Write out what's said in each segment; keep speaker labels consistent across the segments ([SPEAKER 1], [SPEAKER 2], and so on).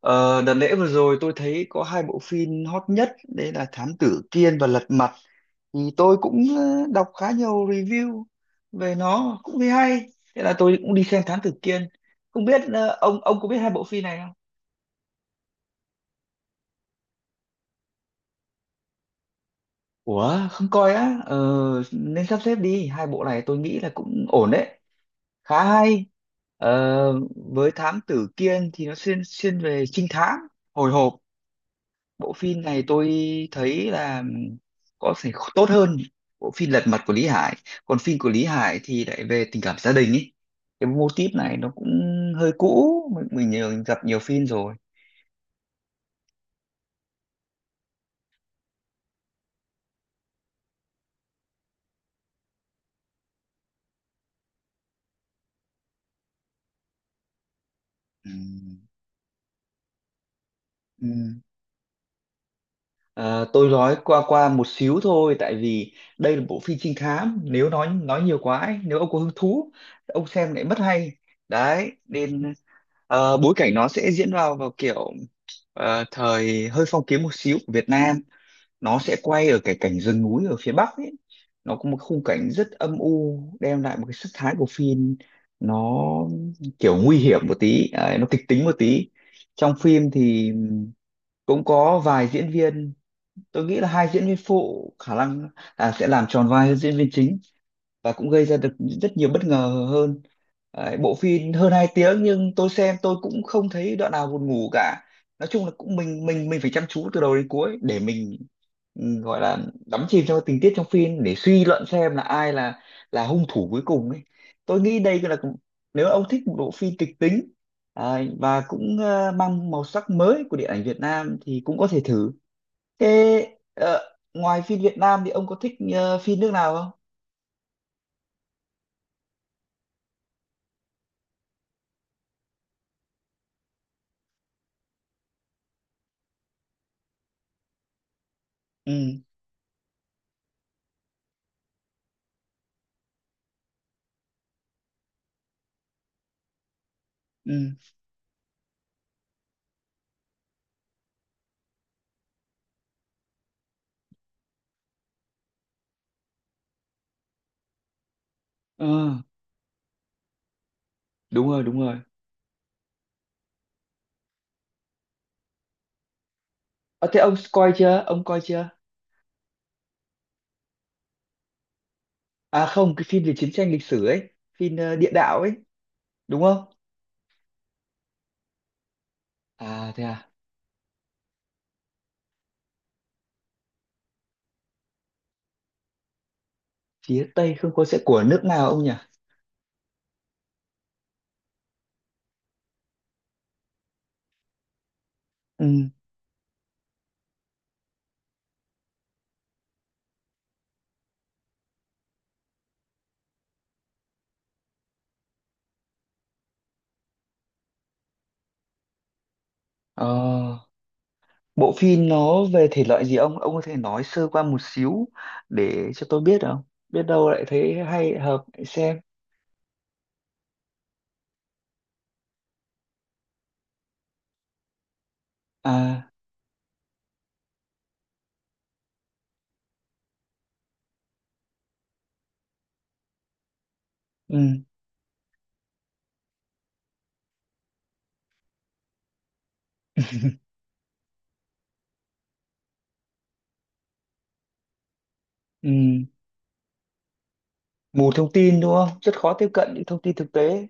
[SPEAKER 1] Ờ, đợt lễ vừa rồi tôi thấy có hai bộ phim hot nhất đấy là Thám Tử Kiên và Lật Mặt thì tôi cũng đọc khá nhiều review về nó cũng thấy hay. Thế là tôi cũng đi xem Thám Tử Kiên. Không biết ông có biết hai bộ phim này không? Ủa không coi á? Ờ, Nên sắp xếp đi, hai bộ này tôi nghĩ là cũng ổn đấy, khá hay. Với Thám Tử Kiên thì nó xuyên xuyên về trinh thám, hồi hộp. Bộ phim này tôi thấy là có thể tốt hơn bộ phim Lật Mặt của Lý Hải. Còn phim của Lý Hải thì lại về tình cảm gia đình ấy, cái mô típ này nó cũng hơi cũ, mình nhiều gặp nhiều phim rồi. Ừ. Ừ. À, tôi nói qua qua một xíu thôi, tại vì đây là bộ phim trinh thám, nếu nói nhiều quá ấy, nếu ông có hứng thú ông xem lại mất hay. Đấy nên bối cảnh nó sẽ diễn vào vào kiểu thời hơi phong kiến một xíu của Việt Nam. Nó sẽ quay ở cái cảnh rừng núi ở phía Bắc ấy, nó có một khung cảnh rất âm u, đem lại một cái sắc thái của phim. Nó kiểu nguy hiểm một tí ấy, nó kịch tính một tí. Trong phim thì cũng có vài diễn viên, tôi nghĩ là hai diễn viên phụ khả năng là sẽ làm tròn vai hơn diễn viên chính, và cũng gây ra được rất nhiều bất ngờ hơn. Đấy, bộ phim hơn 2 tiếng nhưng tôi xem tôi cũng không thấy đoạn nào buồn ngủ cả. Nói chung là cũng mình phải chăm chú từ đầu đến cuối để mình gọi là đắm chìm trong tình tiết trong phim để suy luận xem là ai là hung thủ cuối cùng ấy. Tôi nghĩ đây là, nếu ông thích một bộ phim kịch tính, à, và cũng mang màu sắc mới của điện ảnh Việt Nam thì cũng có thể thử. Thế ờ, ngoài phim Việt Nam thì ông có thích phim nước nào không? Ừ. Ừ. Ờ, đúng rồi đúng rồi. À, thế ông coi chưa, ông coi chưa? À không, cái phim về chiến tranh lịch sử ấy, phim địa đạo ấy, đúng không? À thế à? Phía Tây không có sẽ của nước nào ông nhỉ? Ừ. Ờ, bộ phim nó về thể loại gì, ông có thể nói sơ qua một xíu để cho tôi biết không, biết đâu lại thấy hay hợp lại xem. À. Ừ. Ừ. Mù thông tin đúng không, rất khó tiếp cận những thông tin thực tế.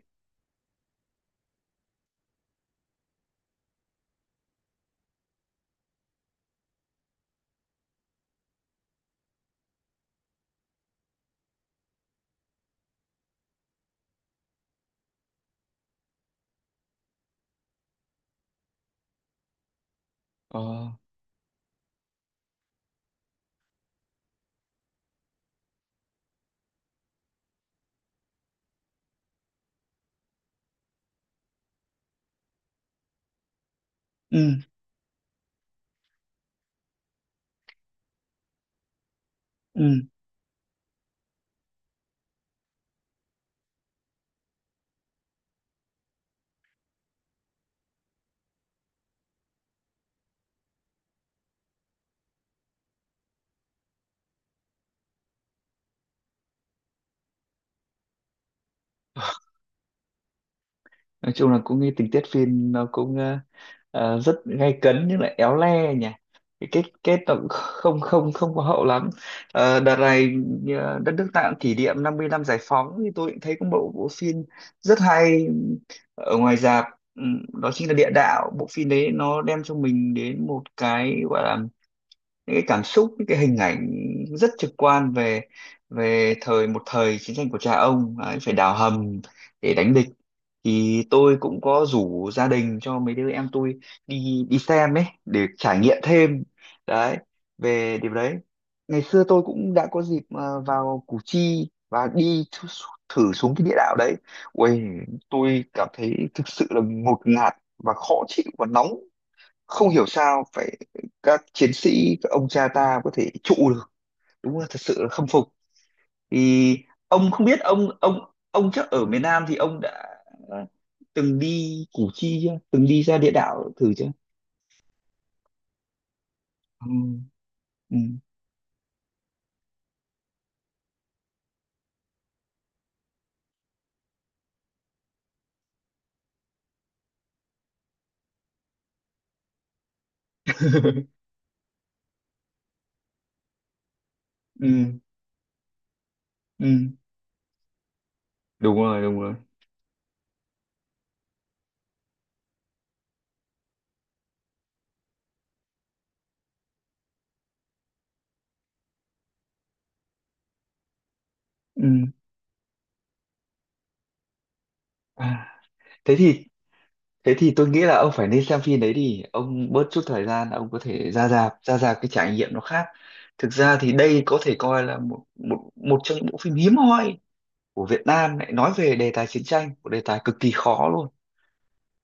[SPEAKER 1] Ờ. Ừ. Ừ. Nói chung là cũng cái tình tiết phim nó cũng rất gay cấn nhưng lại éo le nhỉ. Cái kết kết nó cũng không không không có hậu lắm. Ờ, đợt này đất nước ta cũng kỷ niệm 50 năm giải phóng thì tôi cũng thấy có một bộ phim rất hay ở ngoài rạp. Đó chính là Địa Đạo. Bộ phim đấy nó đem cho mình đến một cái gọi là những cái cảm xúc, những cái hình ảnh rất trực quan về về thời một thời chiến tranh của cha ông ấy, phải đào hầm để đánh địch. Thì tôi cũng có rủ gia đình cho mấy đứa em tôi đi đi xem ấy để trải nghiệm thêm. Đấy, về điểm đấy, ngày xưa tôi cũng đã có dịp vào Củ Chi và đi thử, thử xuống cái địa đạo đấy. Ui, tôi cảm thấy thực sự là ngột ngạt và khó chịu và nóng, không hiểu sao phải các chiến sĩ, các ông cha ta có thể trụ được, đúng là thật sự là khâm phục. Thì ông không biết, ông chắc ở miền Nam thì ông đã ờ, từng đi Củ Chi chưa, từng đi ra địa đạo thử chưa? Ừ. Ừ. Ừ. Ừ. Đúng rồi đúng rồi. Ừ. À. thế thì thế thì tôi nghĩ là ông phải nên xem phim đấy đi, ông bớt chút thời gian ông có thể ra rạp, ra rạp cái trải nghiệm nó khác. Thực ra thì đây có thể coi là một một một trong những bộ phim hiếm hoi của Việt Nam lại nói về đề tài chiến tranh, một đề tài cực kỳ khó luôn,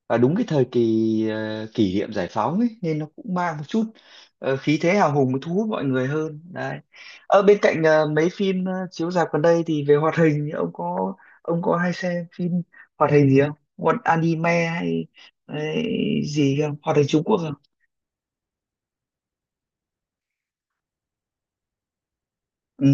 [SPEAKER 1] và đúng cái thời kỳ kỷ niệm giải phóng ấy nên nó cũng mang một chút khí thế hào hùng thu hút mọi người hơn đấy. Ở bên cạnh mấy phim chiếu rạp gần đây thì về hoạt hình, thì ông có, ông có hay xem phim hoạt hình gì không? Một anime hay, hay gì không? Hoạt hình Trung Quốc không? Ừ.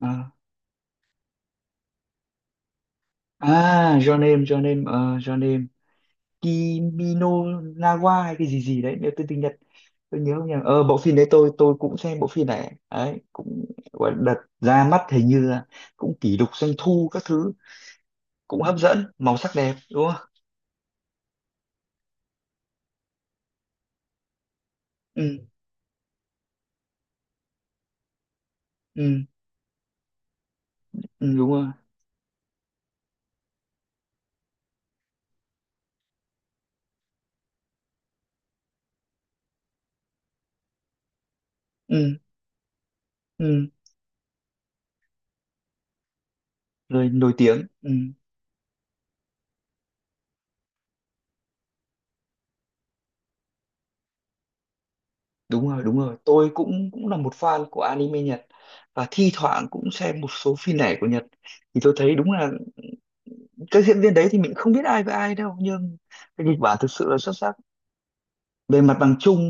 [SPEAKER 1] À, à Your Name, Your Name, Your Name Kiminawa hay cái gì gì đấy, nếu tôi tiếng Nhật tôi nhớ không nhầm. Ờ, bộ phim đấy tôi cũng xem bộ phim này, đấy cũng gọi là đợt ra mắt hình như là cũng kỷ lục doanh thu các thứ, cũng hấp dẫn, màu sắc đẹp đúng không? Ừ. ừ, ừ đúng rồi. Ừ. Ừ. Rồi nổi tiếng. Ừ đúng rồi đúng rồi, tôi cũng cũng là một fan của anime Nhật và thi thoảng cũng xem một số phim lẻ của Nhật. Thì tôi thấy đúng là các diễn viên đấy thì mình không biết ai với ai đâu, nhưng cái kịch bản thực sự là xuất sắc. Về mặt bằng chung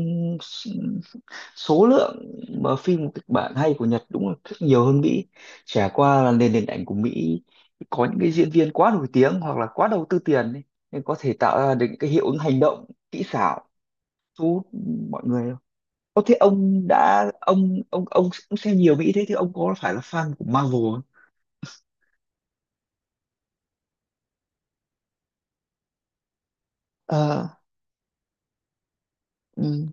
[SPEAKER 1] s- số lượng mà phim kịch bản hay của Nhật đúng là rất nhiều hơn Mỹ, chả qua là nền điện ảnh của Mỹ có những cái diễn viên quá nổi tiếng hoặc là quá đầu tư tiền ấy, nên có thể tạo ra được những cái hiệu ứng hành động kỹ xảo thu hút mọi người không? Thế ông đã, ông cũng xem nhiều Mỹ, thế thì ông có phải là fan của Marvel không? Ờ, ừ,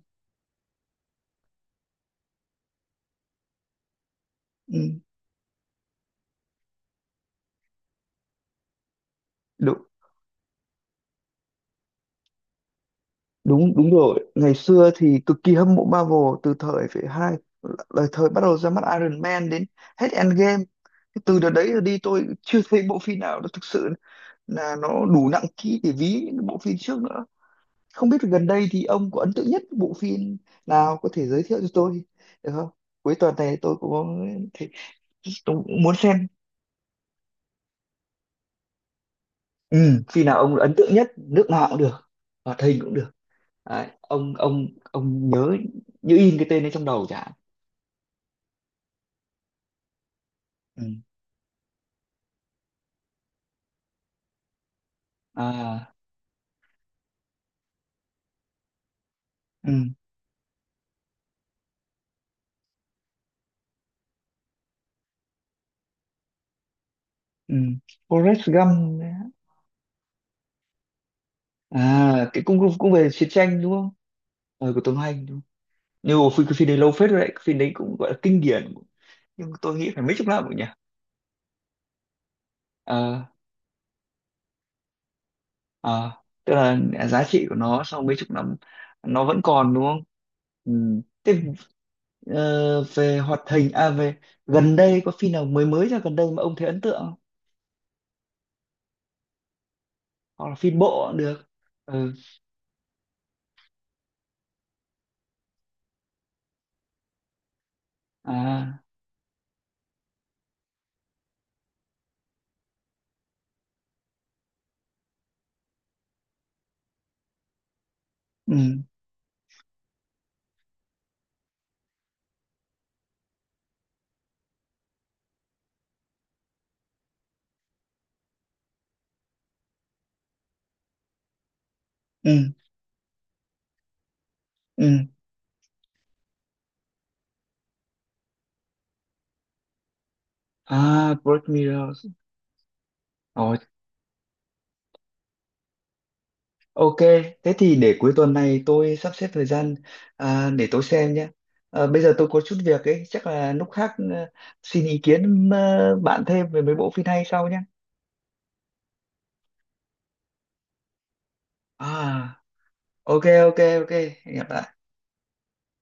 [SPEAKER 1] ừ, đúng đúng đúng rồi, ngày xưa thì cực kỳ hâm mộ Marvel từ thời phải hai lời, thời bắt đầu ra mắt Iron Man đến hết Endgame. Thế từ đợt đấy rồi đi tôi chưa thấy bộ phim nào nó thực sự là nó đủ nặng ký để ví những bộ phim trước nữa. Không biết gần đây thì ông có ấn tượng nhất bộ phim nào, có thể giới thiệu cho tôi được không? Cuối tuần này tôi cũng có thể- tôi cũng muốn xem. Ừ, phim nào ông ấn tượng nhất, nước nào cũng được, hoạt hình cũng được. Đấy, ông nhớ như in cái tên ấy trong đầu chả. À. Ừ. Ừ. Forrest Gump đấy. À cái cũng cũng về chiến tranh đúng không? Ờ, của Tom Hanks đúng không? Nhưng mà phim, cái phim đấy lâu phết rồi đấy, cái phim đấy cũng gọi là kinh điển. Nhưng mà tôi nghĩ phải mấy chục năm rồi nhỉ. Ờ. Ờ, tức là giá trị của nó sau mấy chục năm nó vẫn còn đúng không? Ừ. Thế về hoạt hình, à về gần đây có phim nào mới mới ra gần đây mà ông thấy ấn tượng không? Hoặc là phim bộ cũng được. Ừ. À. Ừ. Ừ. Ừ. À, Black Mirror. Ồ. Ok, thế thì để cuối tuần này tôi sắp xếp thời gian, à, để tôi xem nhé. À, bây giờ tôi có chút việc ấy, chắc là lúc khác, à, xin ý kiến, à, bạn thêm về mấy bộ phim hay sau nhé. À, ok, ok, ok, hẹn gặp lại.